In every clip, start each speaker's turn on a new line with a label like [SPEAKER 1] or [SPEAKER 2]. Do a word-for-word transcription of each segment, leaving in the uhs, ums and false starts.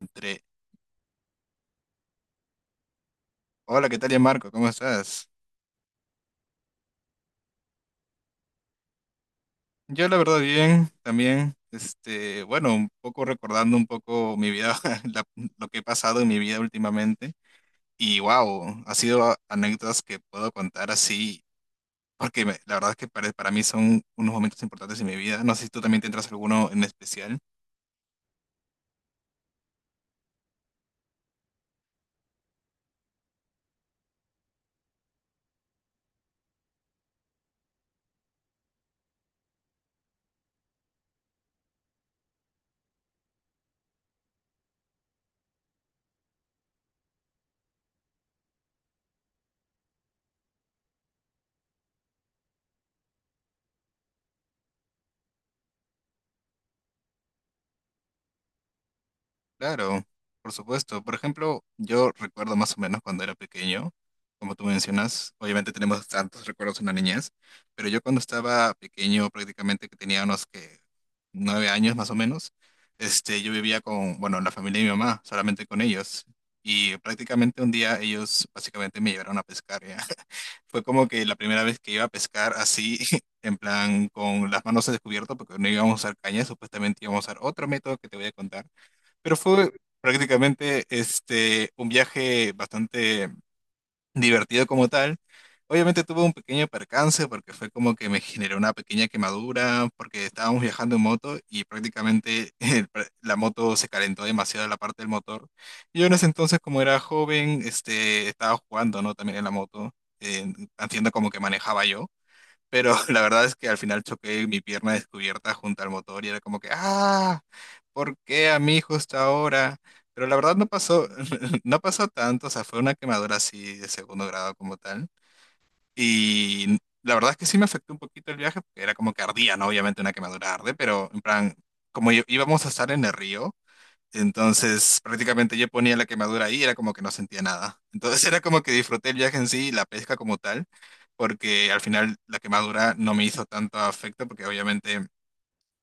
[SPEAKER 1] Entre, hola, ¿qué tal, ya Marco? ¿Cómo estás? Yo la verdad bien, también, este, bueno, un poco recordando un poco mi vida, la- lo que he pasado en mi vida últimamente, y wow, ha sido anécdotas que puedo contar así, porque me- la verdad es que para, para mí son unos momentos importantes en mi vida, no sé si tú también tendrás alguno en especial. Claro, por supuesto. Por ejemplo, yo recuerdo más o menos cuando era pequeño, como tú mencionas, obviamente tenemos tantos recuerdos en la niñez, pero yo cuando estaba pequeño, prácticamente que tenía unos que nueve años más o menos, este, yo vivía con, bueno, la familia de mi mamá, solamente con ellos. Y prácticamente un día ellos básicamente me llevaron a pescar, ¿ya? Fue como que la primera vez que iba a pescar así, en plan con las manos descubiertas, porque no íbamos a usar caña, supuestamente íbamos a usar otro método que te voy a contar. Pero fue prácticamente este, un viaje bastante divertido como tal. Obviamente tuve un pequeño percance porque fue como que me generó una pequeña quemadura porque estábamos viajando en moto y prácticamente el pr- la moto se calentó demasiado la parte del motor. Y yo en ese entonces como era joven, este, estaba jugando, ¿no? También en la moto, eh, haciendo como que manejaba yo. Pero la verdad es que al final choqué mi pierna descubierta junto al motor y era como que, ah, ¿por qué a mí justo ahora? Pero la verdad no pasó, no pasó tanto, o sea, fue una quemadura así de segundo grado como tal. Y la verdad es que sí me afectó un poquito el viaje, porque era como que ardía, ¿no? Obviamente una quemadura arde, pero en plan, como i- íbamos a estar en el río, entonces, prácticamente yo ponía la quemadura ahí y era como que no sentía nada. Entonces, era como que disfruté el viaje en sí y la pesca como tal, porque al final la quemadura no me hizo tanto afecto porque obviamente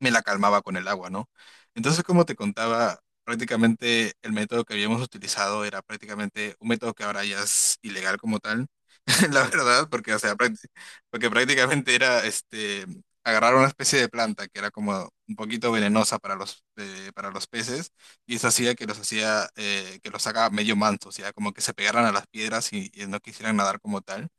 [SPEAKER 1] me la calmaba con el agua, ¿no? Entonces, como te contaba, prácticamente el método que habíamos utilizado era prácticamente un método que ahora ya es ilegal como tal, la verdad, porque, o sea, prácti- porque prácticamente era este, agarrar una especie de planta que era como un poquito venenosa para los, eh, para los peces, y eso hacía que los hacía, eh, que los sacaba medio mansos, o sea, como que se pegaran a las piedras y, y no quisieran nadar como tal.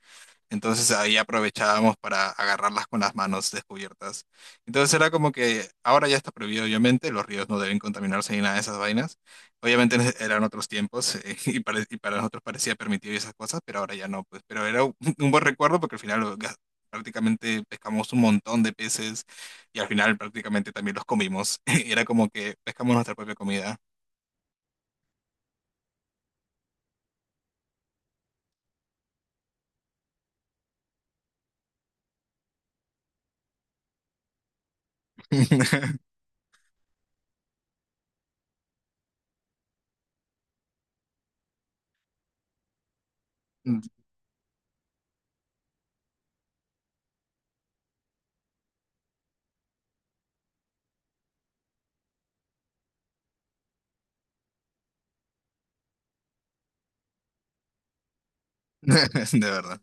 [SPEAKER 1] Entonces ahí aprovechábamos para agarrarlas con las manos descubiertas. Entonces era como que ahora ya está prohibido, obviamente, los ríos no deben contaminarse ni nada de esas vainas. Obviamente eran otros tiempos, eh, y, pare- y para nosotros parecía permitido y esas cosas, pero ahora ya no, pues. Pero era un un buen recuerdo porque al final lo gas- prácticamente pescamos un montón de peces y al final prácticamente también los comimos. Era como que pescamos nuestra propia comida. De verdad.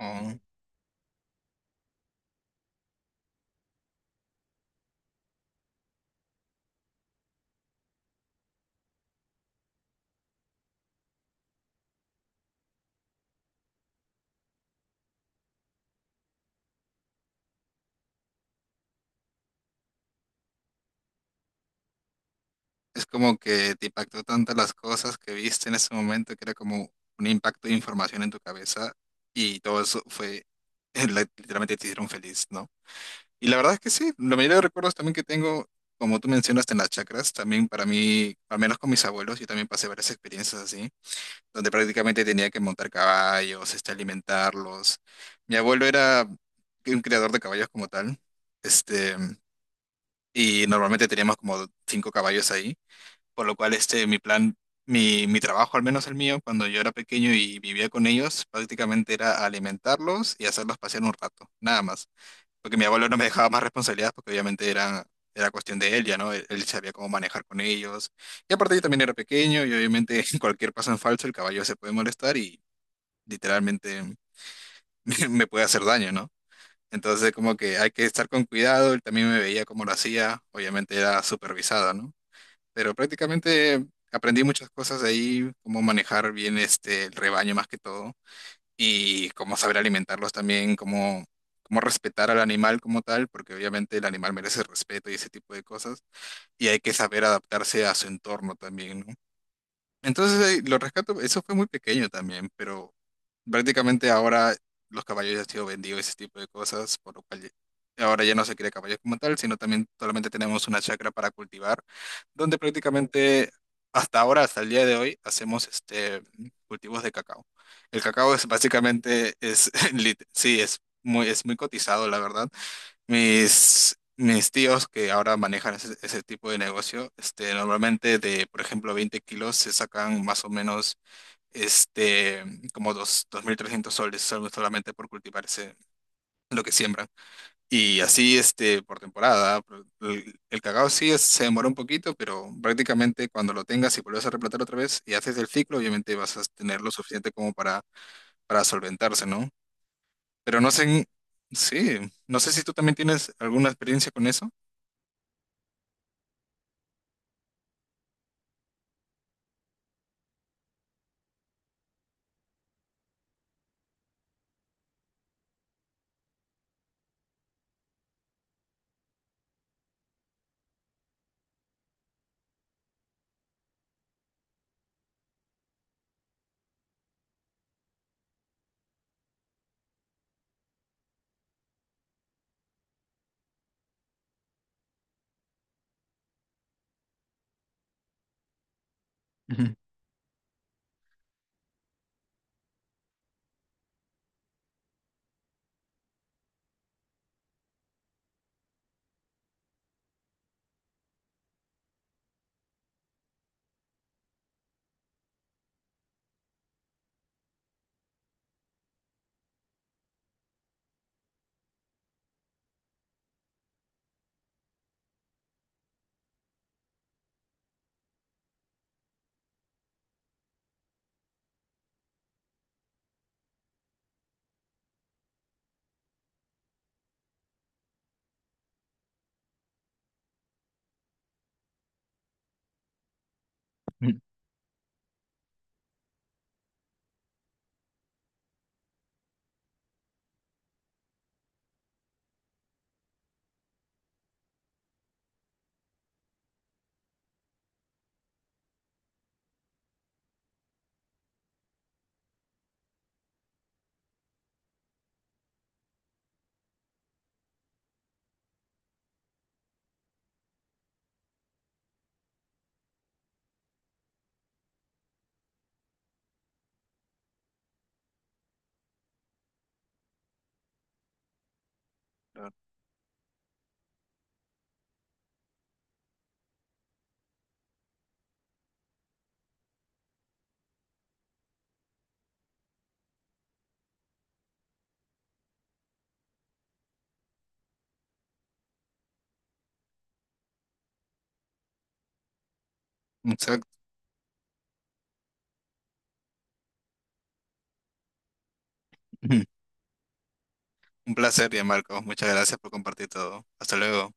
[SPEAKER 1] Oh. Es como que te impactó tantas las cosas que viste en ese momento que era como un impacto de información en tu cabeza y todo eso fue, la- literalmente te hicieron feliz, ¿no? Y la verdad es que sí, la mayoría de recuerdos también que tengo, como tú mencionaste en las chacras, también para mí, al menos con mis abuelos, yo también pasé varias experiencias así, donde prácticamente tenía que montar caballos, este, alimentarlos. Mi abuelo era un criador de caballos como tal, este, y normalmente teníamos como cinco caballos ahí, por lo cual este, mi plan, mi, mi trabajo, al menos el mío, cuando yo era pequeño y vivía con ellos, prácticamente era alimentarlos y hacerlos pasear un rato, nada más. Porque mi abuelo no me dejaba más responsabilidades porque obviamente era, era cuestión de él ya, ¿no? Él, él sabía cómo manejar con ellos. Y aparte yo también era pequeño y obviamente cualquier paso en falso el caballo se puede molestar y literalmente me, me puede hacer daño, ¿no? Entonces como que hay que estar con cuidado, él también me veía cómo lo hacía, obviamente era supervisada, ¿no?, pero prácticamente aprendí muchas cosas de ahí, cómo manejar bien este, el rebaño más que todo, y cómo saber alimentarlos también, cómo, cómo respetar al animal como tal, porque obviamente el animal merece respeto y ese tipo de cosas, y hay que saber adaptarse a su entorno también, ¿no? Entonces, eh, lo rescato, eso fue muy pequeño también, pero prácticamente ahora los caballos ya han sido vendidos, ese tipo de cosas, por lo cual ya- ahora ya no se quiere caballos como tal, sino también solamente tenemos una chacra para cultivar, donde prácticamente hasta ahora, hasta el día de hoy, hacemos este cultivos de cacao. El cacao es básicamente, es, lit- sí, es muy, es muy cotizado, la verdad. Mis, mis tíos que ahora manejan ese, ese tipo de negocio, este, normalmente de, por ejemplo, veinte kilos se sacan más o menos, este, como dos, dos mil trescientos soles, solo- solamente por cultivar ese- lo que siembran. Y así, este, por temporada. por- El, el cacao sí es- se demora un poquito, pero prácticamente cuando lo tengas y vuelves a replantar otra vez y haces el ciclo, obviamente vas a tener lo suficiente como para, para solventarse, ¿no? Pero no sé, en- sí, no sé si tú también tienes alguna experiencia con eso. Claro. Exacto. Un placer, ya Marcos. Muchas gracias por compartir todo. Hasta luego.